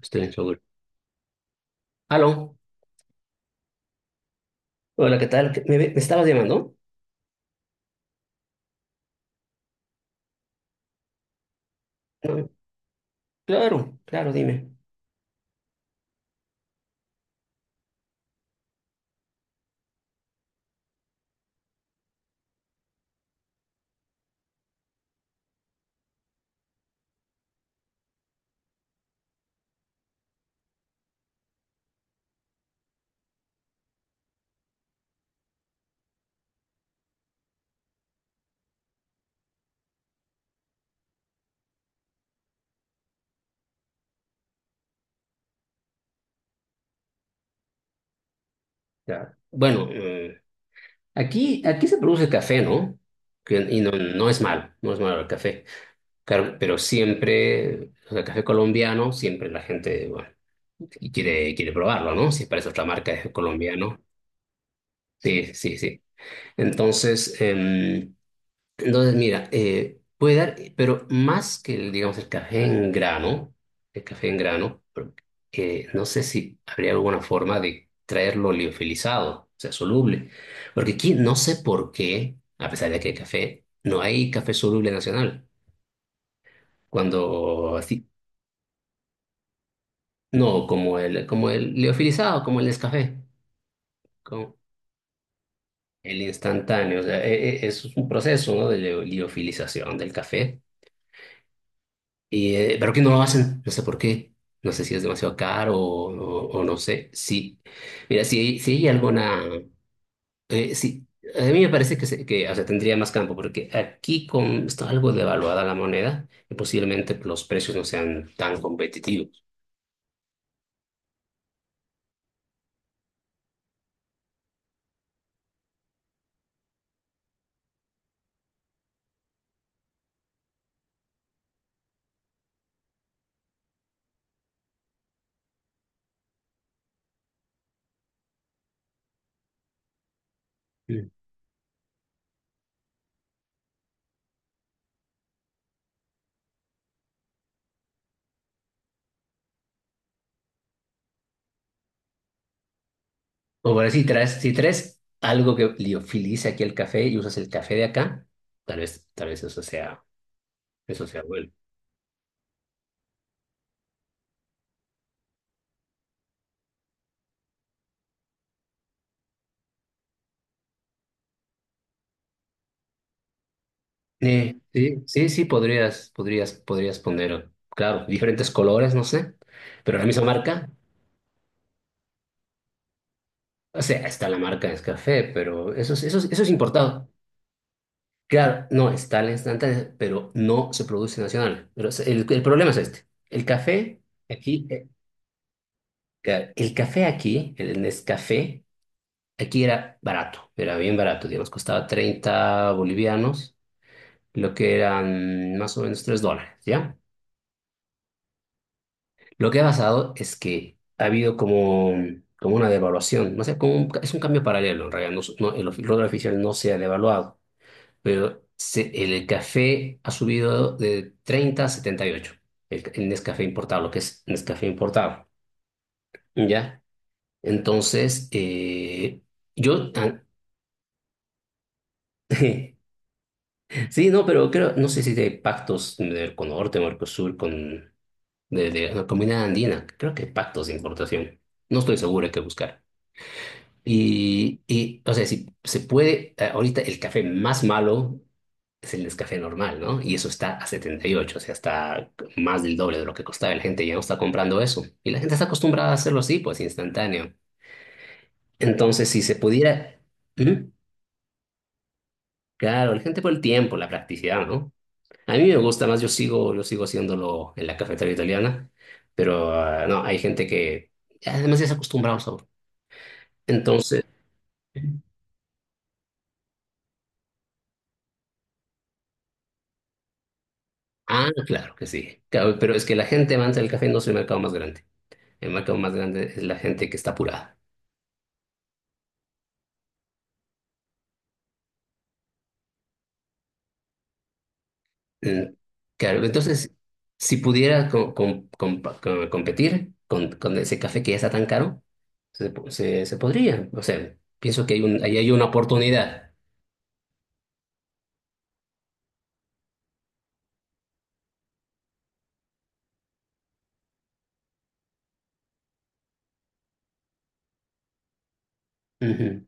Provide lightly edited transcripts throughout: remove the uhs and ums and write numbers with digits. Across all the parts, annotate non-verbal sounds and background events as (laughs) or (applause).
Estoy en Seúl. Aló. Hola, ¿qué tal? ¿Me estabas llamando? No. Claro, claro, dime. Ya. Bueno, aquí se produce café, ¿no? No es malo, no es malo el café. Claro, pero siempre, o sea, café colombiano, siempre la gente, bueno, y quiere probarlo, ¿no? Si parece otra marca es colombiano. Sí, sí, sí. Entonces, em, Entonces, mira, puede dar, pero más que el, digamos, el café en grano, el café en grano, pero no sé si habría alguna forma de traerlo liofilizado, o sea, soluble. Porque aquí no sé por qué, a pesar de que hay café, no hay café soluble nacional. Cuando así, no, como el liofilizado, como el Nescafé, como el instantáneo, o sea, es un proceso, ¿no?, de liofilización del café. Y pero que no lo hacen, no sé por qué. No sé si es demasiado caro o no sé. Sí, mira, si, si hay alguna... sí, a mí me parece que, que, o sea, tendría más campo, porque aquí con, está algo devaluada la moneda y posiblemente los precios no sean tan competitivos. Mm. O bueno, si traes, si traes algo que liofilice aquí el café y usas el café de acá, tal vez eso sea bueno. Sí, sí, sí, sí, podrías, podrías, podrías poner, claro, diferentes colores, no sé, pero la misma marca. O sea, está la marca de café, pero eso es, eso es, eso es importado. Claro, no, está la instantánea, pero no se produce nacional. Pero el problema es este, el café aquí, claro, el café aquí, el Nescafé, aquí era barato, era bien barato, digamos, costaba 30 bolivianos, lo que eran más o menos 3 dólares, ¿ya? Lo que ha pasado es que ha habido como, como una devaluación, no sé, como es un cambio paralelo, en realidad, dólar oficial no se ha devaluado, pero el café ha subido de 30 a 78. El Nescafé importado, lo que es Nescafé importado, ¿ya? Entonces, yo, ah, (laughs) sí, no, pero creo, no sé si de pactos del con Norte, Mercosur, con, de la Comunidad Andina, creo que hay pactos de importación, no estoy seguro, hay que buscar. Y, o sea, si se puede, ahorita el café más malo es el café normal, ¿no? Y eso está a 78, o sea, está más del doble de lo que costaba. La gente ya no está comprando eso. Y la gente está acostumbrada a hacerlo así, pues instantáneo. Entonces, si se pudiera... ¿Mm? Claro, la gente por el tiempo, la practicidad, ¿no? A mí me gusta más, yo sigo haciéndolo en la cafetería italiana, pero ah, no, hay gente que además ya se ha acostumbrado al sabor. Entonces... Ah, claro que sí. Claro, pero es que la gente amante del café no es el mercado más grande. El mercado más grande es la gente que está apurada. Mm. Claro, entonces, si pudiera competir con ese café que ya está tan caro, se, se, se podría. O sea, pienso que hay un, ahí hay una oportunidad. Ujú.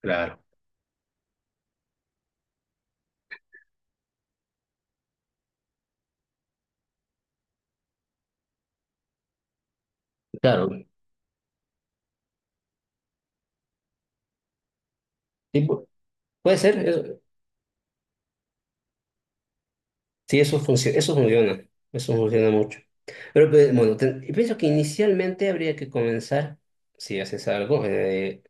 Claro. Claro. Sí, puede ser. Eso, sí, eso funciona. Eso funciona. Eso funciona mucho. Pero pues, bueno, y pienso que inicialmente habría que comenzar, si haces algo,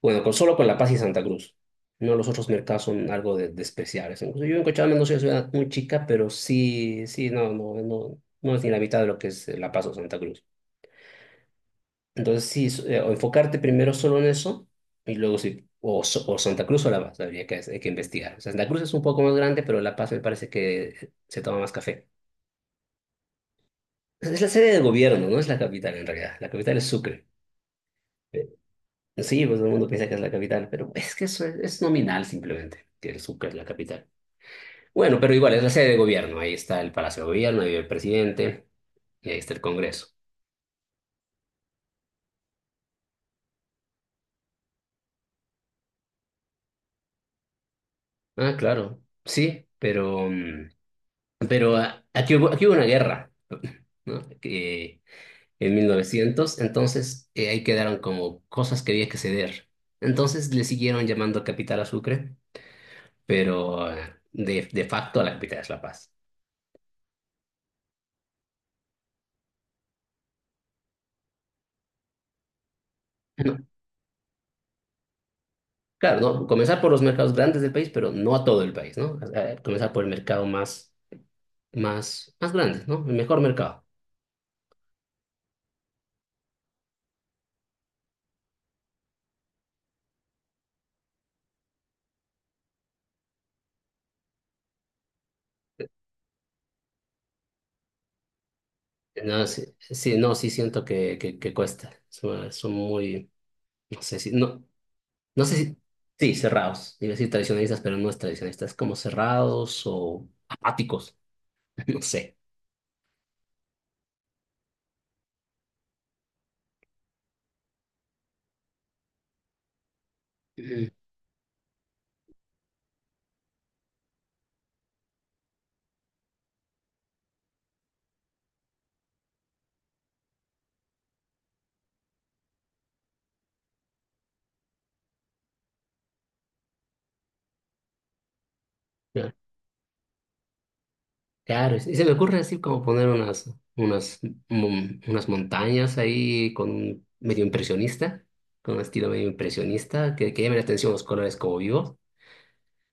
bueno, con, solo con La Paz y Santa Cruz. No, los otros mercados son algo de especiales. Incluso yo en Cochabamba no soy una ciudad muy chica, pero sí, sí, no, no, no, no es ni la mitad de lo que es La Paz o Santa Cruz. Entonces, sí, o enfocarte primero solo en eso, y luego sí, o, o Santa Cruz o La Paz, habría que, hay que investigar. O sea, Santa Cruz es un poco más grande, pero La Paz me parece que se toma más café. Es la sede del gobierno, no es la capital en realidad. La capital es Sucre. Eh, Sí, pues todo el mundo piensa que es la capital, pero es que eso es nominal simplemente, que el Sucre es la capital. Bueno, pero igual es la sede de gobierno. Ahí está el Palacio de Gobierno, ahí vive el presidente y ahí está el Congreso. Ah, claro, sí, pero, mm, pero ah, aquí hubo una guerra, ¿no? Que, en 1900, entonces ahí quedaron como cosas que había que ceder. Entonces le siguieron llamando capital a Sucre, pero ah, de facto la capital es La Paz. No, claro, ¿no? Comenzar por los mercados grandes del país, pero no a todo el país, ¿no? Comenzar por el mercado más, más, más grande, ¿no? El mejor mercado. No, sí, sí, no, sí siento que cuesta. Son, son muy, no sé si, no, no sé si, sí, cerrados. Iba a decir tradicionalistas, pero no es tradicionalistas, es como cerrados o apáticos, (laughs) no sé. Mm. Ya. Claro, y se me ocurre así como poner unas, unas, unas montañas ahí con un medio impresionista, con un estilo medio impresionista, que llame la atención los colores como vivos.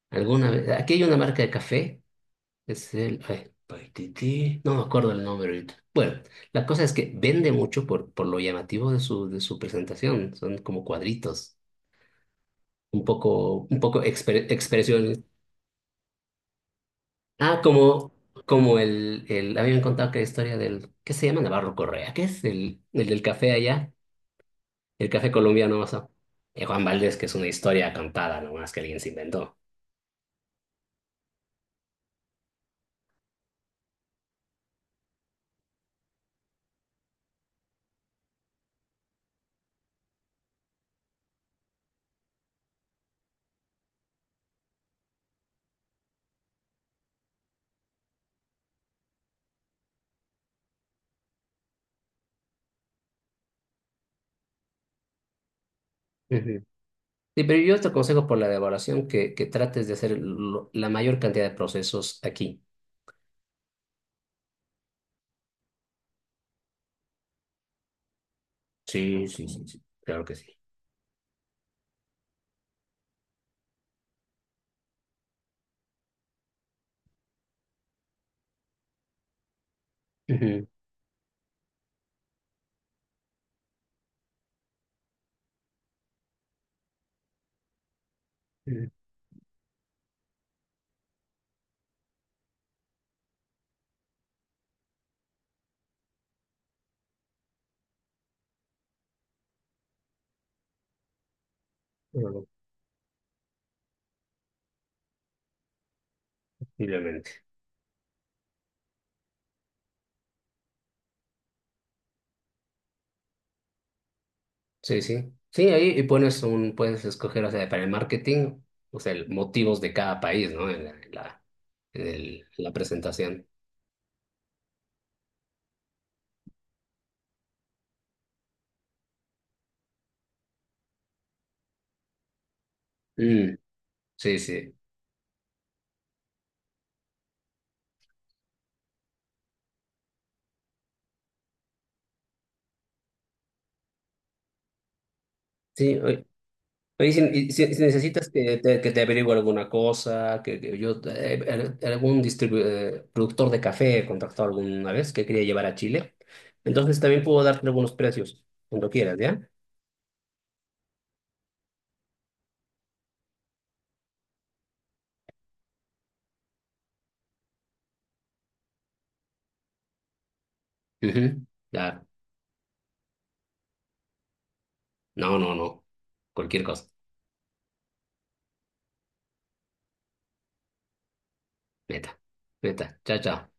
Alguna vez, aquí hay una marca de café. Es el Paititi. No me acuerdo el nombre ahorita. Bueno, la cosa es que vende mucho por lo llamativo de su presentación. Son como cuadritos, un poco expresiones. Ah, como, como el, habían contado que la historia del, ¿qué se llama? Navarro Correa, ¿qué es el del café allá? El café colombiano, o sea. Y Juan Valdés, que es una historia contada nomás que alguien se inventó. Ujú. Sí, pero yo te aconsejo por la devaluación que trates de hacer la mayor cantidad de procesos aquí. Sí, sí, sí, sí, claro que sí. Ujú, ujú. Bueno, posiblemente. Sí, sí. Sí, ahí y pones un, puedes escoger, o sea, para el marketing, o sea, motivos de cada país, ¿no? En la, en la, en la presentación. Mm, sí, sí. Sí, oye, oye, si, y si necesitas que te averigüe alguna cosa, que yo, algún productor de café he contactado alguna vez que quería llevar a Chile, entonces también puedo darte algunos precios, cuando quieras, ¿ya? Ujú. Claro. No, no, no. Cualquier cosa. Neta. Neta. Chao, chao.